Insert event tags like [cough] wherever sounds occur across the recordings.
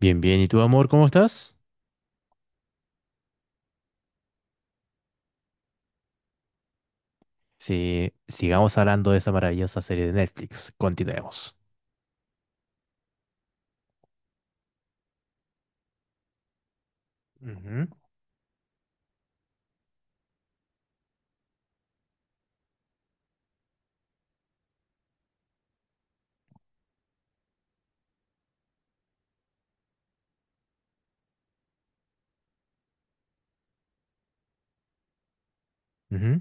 Bien, bien. ¿Y tú, amor, cómo estás? Sí, sigamos hablando de esa maravillosa serie de Netflix. Continuemos. Ujú, ujú.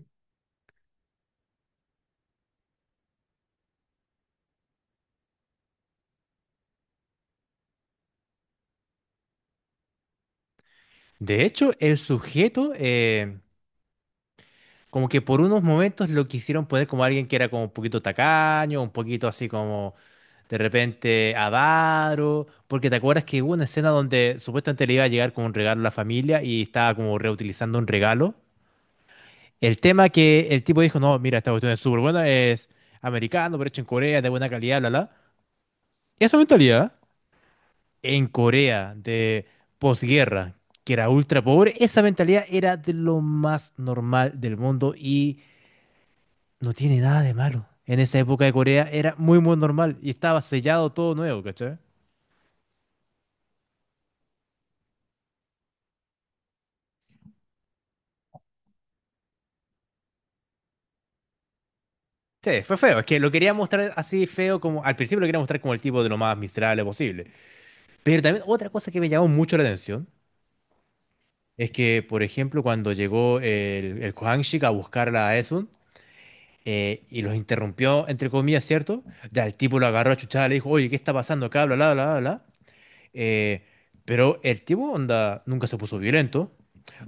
De hecho, el sujeto, como que por unos momentos lo quisieron poner como alguien que era como un poquito tacaño, un poquito así como de repente avaro, porque te acuerdas que hubo una escena donde supuestamente le iba a llegar como un regalo a la familia y estaba como reutilizando un regalo. El tema que el tipo dijo, no, mira, esta cuestión es súper buena, es americano, pero hecho en Corea, de buena calidad, bla, bla. Esa mentalidad en Corea de posguerra, que era ultra pobre, esa mentalidad era de lo más normal del mundo y no tiene nada de malo. En esa época de Corea era muy, muy normal y estaba sellado todo nuevo, ¿cachai? Sí, fue feo. Es que lo quería mostrar así feo como... Al principio lo quería mostrar como el tipo de lo más miserable posible. Pero también otra cosa que me llamó mucho la atención es que, por ejemplo, cuando llegó el Kohanshik a buscarla a Esun, y los interrumpió, entre comillas, ¿cierto? Ya el tipo lo agarró a chuchada, le dijo, oye, ¿qué está pasando acá? Bla, bla, bla, bla. Eh, pero el tipo, onda, nunca se puso violento.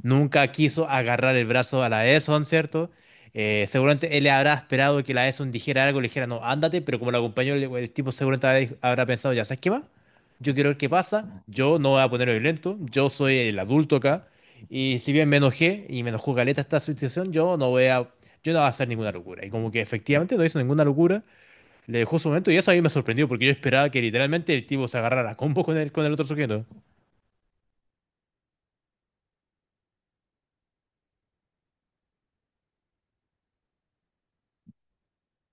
Nunca quiso agarrar el brazo a la Eson, ¿cierto? Seguramente él le habrá esperado que la Eson dijera algo, le dijera, no, ándate, pero como la acompañó, el tipo seguramente habrá pensado, ya, ¿sabes qué va? Yo quiero ver qué pasa, yo no voy a ponerme violento, yo soy el adulto acá, y si bien me enojé y me enojó caleta esta situación, yo no voy a hacer ninguna locura. Y como que efectivamente no hizo ninguna locura, le dejó su momento y eso a mí me sorprendió porque yo esperaba que literalmente el tipo se agarrara a combos con con el otro sujeto.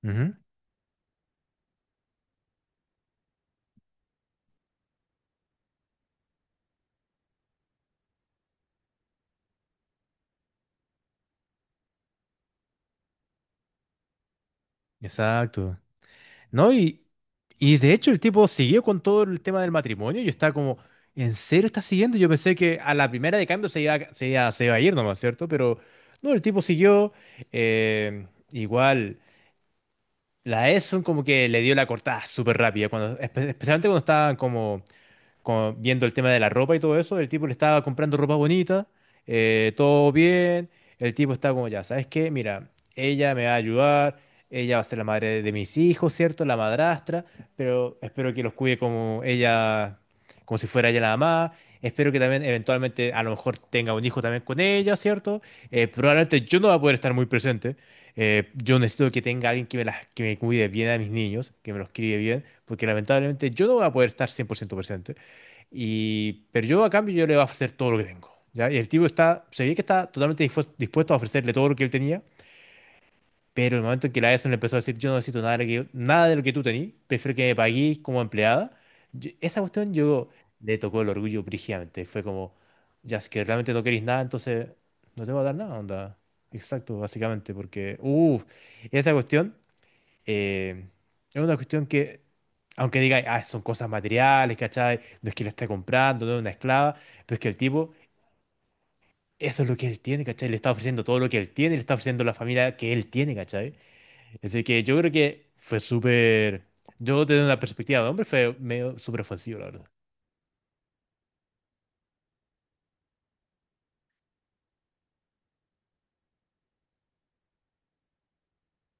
Ujú. Exacto. No, y de hecho el tipo siguió con todo el tema del matrimonio. Y yo estaba como, ¿en serio está siguiendo? Yo pensé que a la primera de cambio se iba a ir nomás, ¿cierto? Pero no, el tipo siguió. eh, Igual, la Esun como que le dio la cortada súper rápida, cuando, especialmente cuando estaban como viendo el tema de la ropa y todo eso, el tipo le estaba comprando ropa bonita, todo bien, el tipo estaba como ya, ¿sabes qué? Mira, ella me va a ayudar, ella va a ser la madre de mis hijos, ¿cierto? La madrastra, pero espero que los cuide como ella, como si fuera ella la mamá. Espero que también eventualmente a lo mejor tenga un hijo también con ella, ¿cierto? Probablemente yo no voy a poder estar muy presente. Yo necesito que tenga alguien que que me cuide bien a mis niños, que me los críe bien, porque lamentablemente yo no voy a poder estar 100% presente. Y pero yo a cambio yo le voy a ofrecer todo lo que tengo, ¿ya? Y el tipo está, se ve que está totalmente dispuesto a ofrecerle todo lo que él tenía, pero en el momento en que la ESO le empezó a decir, yo no necesito nada de lo que, nada de lo que tú tenías, prefiero que me paguéis como empleada, esa cuestión yo le tocó el orgullo brígidamente. Fue como, ya si es que realmente no queréis nada, entonces no te voy a dar nada, onda. Exacto, básicamente, porque, uff, esa cuestión eh, es una cuestión que, aunque diga, ah, son cosas materiales, ¿cachai? No es que la está comprando, no es una esclava, pero es que el tipo, eso es lo que él tiene, ¿cachai? Le está ofreciendo todo lo que él tiene, le está ofreciendo la familia que él tiene, ¿cachai? Así que yo creo que fue súper, yo desde una perspectiva de hombre, fue medio súper ofensivo, la verdad.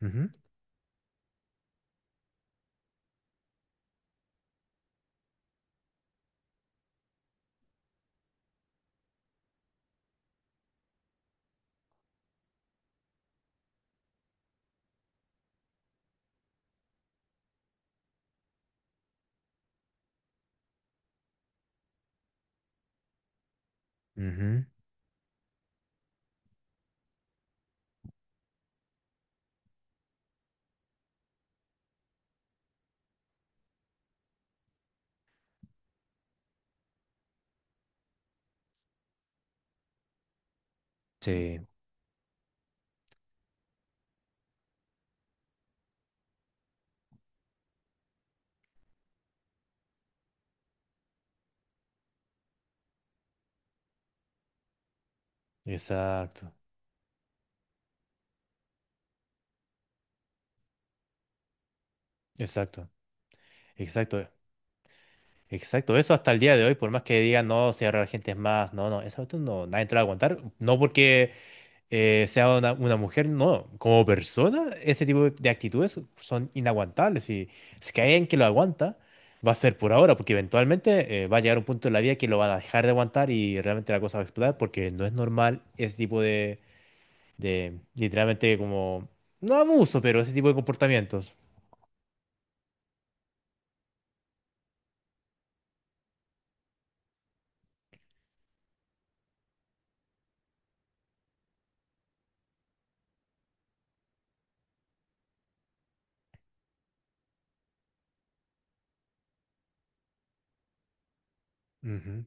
Ujú, ujú. Sí, exacto, exacto, exacto, exacto. Eso hasta el día de hoy, por más que digan, no, si ahora la gente es más, no, no, esa cuestión no, nadie te la va a aguantar. No porque sea una mujer, no. Como persona, ese tipo de actitudes son inaguantables. Y si que hay alguien que lo aguanta, va a ser por ahora, porque eventualmente va a llegar un punto en la vida que lo van a dejar de aguantar y realmente la cosa va a explotar, porque no es normal ese tipo de literalmente como, no abuso, pero ese tipo de comportamientos. Ujú,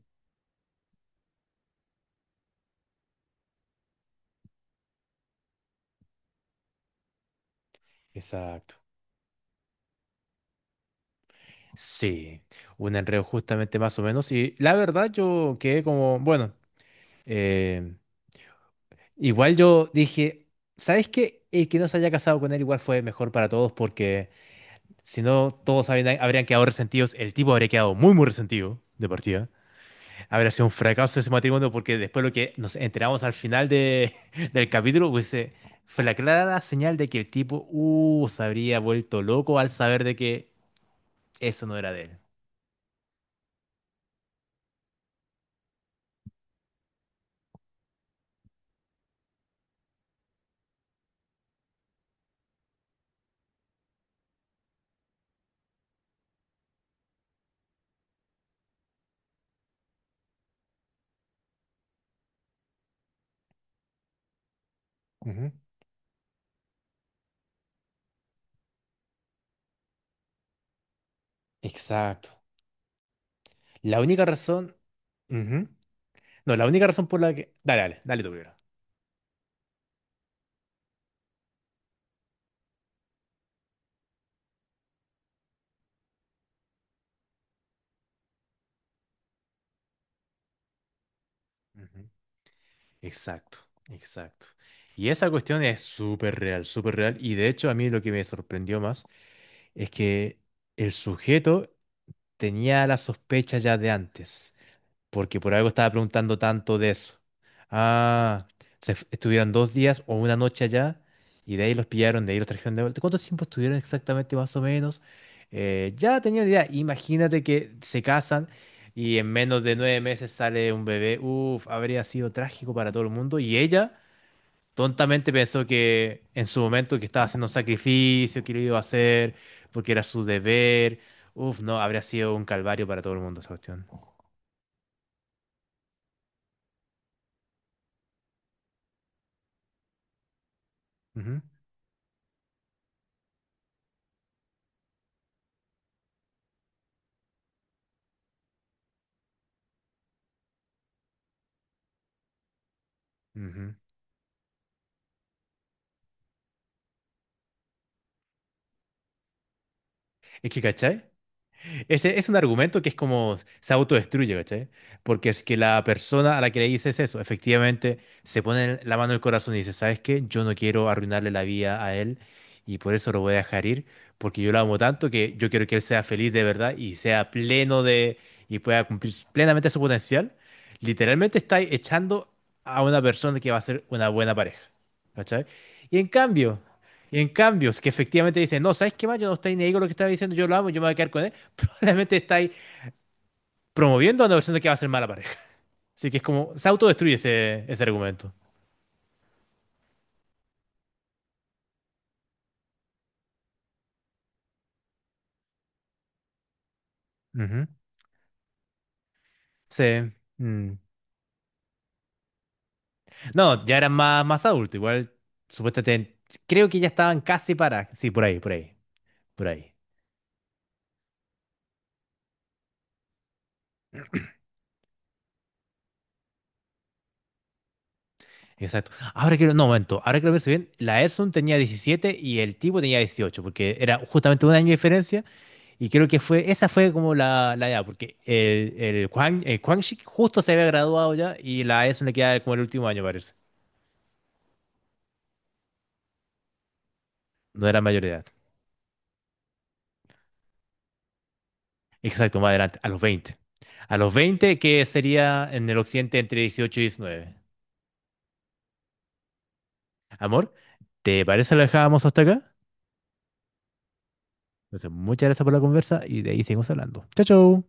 exacto. Sí, un enredo justamente más o menos. Y la verdad yo quedé como, bueno, eh, igual yo dije, ¿sabes qué? El que no se haya casado con él igual fue mejor para todos porque si no habrían quedado resentidos, el tipo habría quedado muy muy resentido de partida. Habría sido un fracaso ese matrimonio porque después lo que nos enteramos al final de, [laughs] del capítulo pues, fue la clara señal de que el tipo se habría vuelto loco al saber de que eso no era de él. Ujú. Exacto. La única razón... Ujú. No, la única razón por la que... Dale, dale, dale tú primero. Ujú. Exacto, exacto. Y esa cuestión es súper real, súper real. Y de hecho a mí lo que me sorprendió más es que el sujeto tenía la sospecha ya de antes, porque por algo estaba preguntando tanto de eso. Ah, estuvieron 2 días o una noche allá y de ahí los pillaron, de ahí los trajeron de vuelta. ¿Cuánto tiempo estuvieron exactamente más o menos? Ya tenía una idea. Imagínate que se casan. Y en menos de 9 meses sale un bebé. Uf, habría sido trágico para todo el mundo. Y ella tontamente pensó que en su momento que estaba haciendo un sacrificio, que lo iba a hacer, porque era su deber. Uf, no, habría sido un calvario para todo el mundo esa cuestión. Ujú, ujú. Es que, ¿cachai? Ese es un argumento que es como se autodestruye, ¿cachai? Porque es que la persona a la que le dices eso, efectivamente, se pone la mano en el corazón y dice, ¿sabes qué? Yo no quiero arruinarle la vida a él y por eso lo voy a dejar ir, porque yo lo amo tanto que yo quiero que él sea feliz de verdad y sea pleno de y pueda cumplir plenamente su potencial. Literalmente está echando a una persona que va a ser una buena pareja, ¿cachai? Y en cambio, y en cambio, es que efectivamente dicen, no, ¿sabes qué más? Yo no estoy ni ahí con lo que estaba diciendo, yo lo amo, yo me voy a quedar con él. [laughs] Probablemente estáis promoviendo a una persona que va a ser mala pareja. Así que es como, se autodestruye ese argumento. Ujú. Sí. Mm. No, ya eran más, más adultos, igual, supuestamente, creo que ya estaban casi para... Sí, por ahí, por ahí, por ahí. Exacto. Ahora que, lo- no, momento, ahora que lo pienso bien, la Edson tenía 17 y el tipo tenía 18 porque era justamente un año de diferencia. Y creo que fue, esa fue como la edad, porque Quang, el Quang Shik justo se había graduado ya y la ESO le queda como el último año, parece. No era mayor de edad. Exacto, más adelante, a los 20. A los 20 que sería en el occidente entre 18 y 19. Amor, ¿te parece lo dejábamos hasta acá? Entonces, muchas gracias por la conversa y de ahí seguimos hablando. Chao, chao.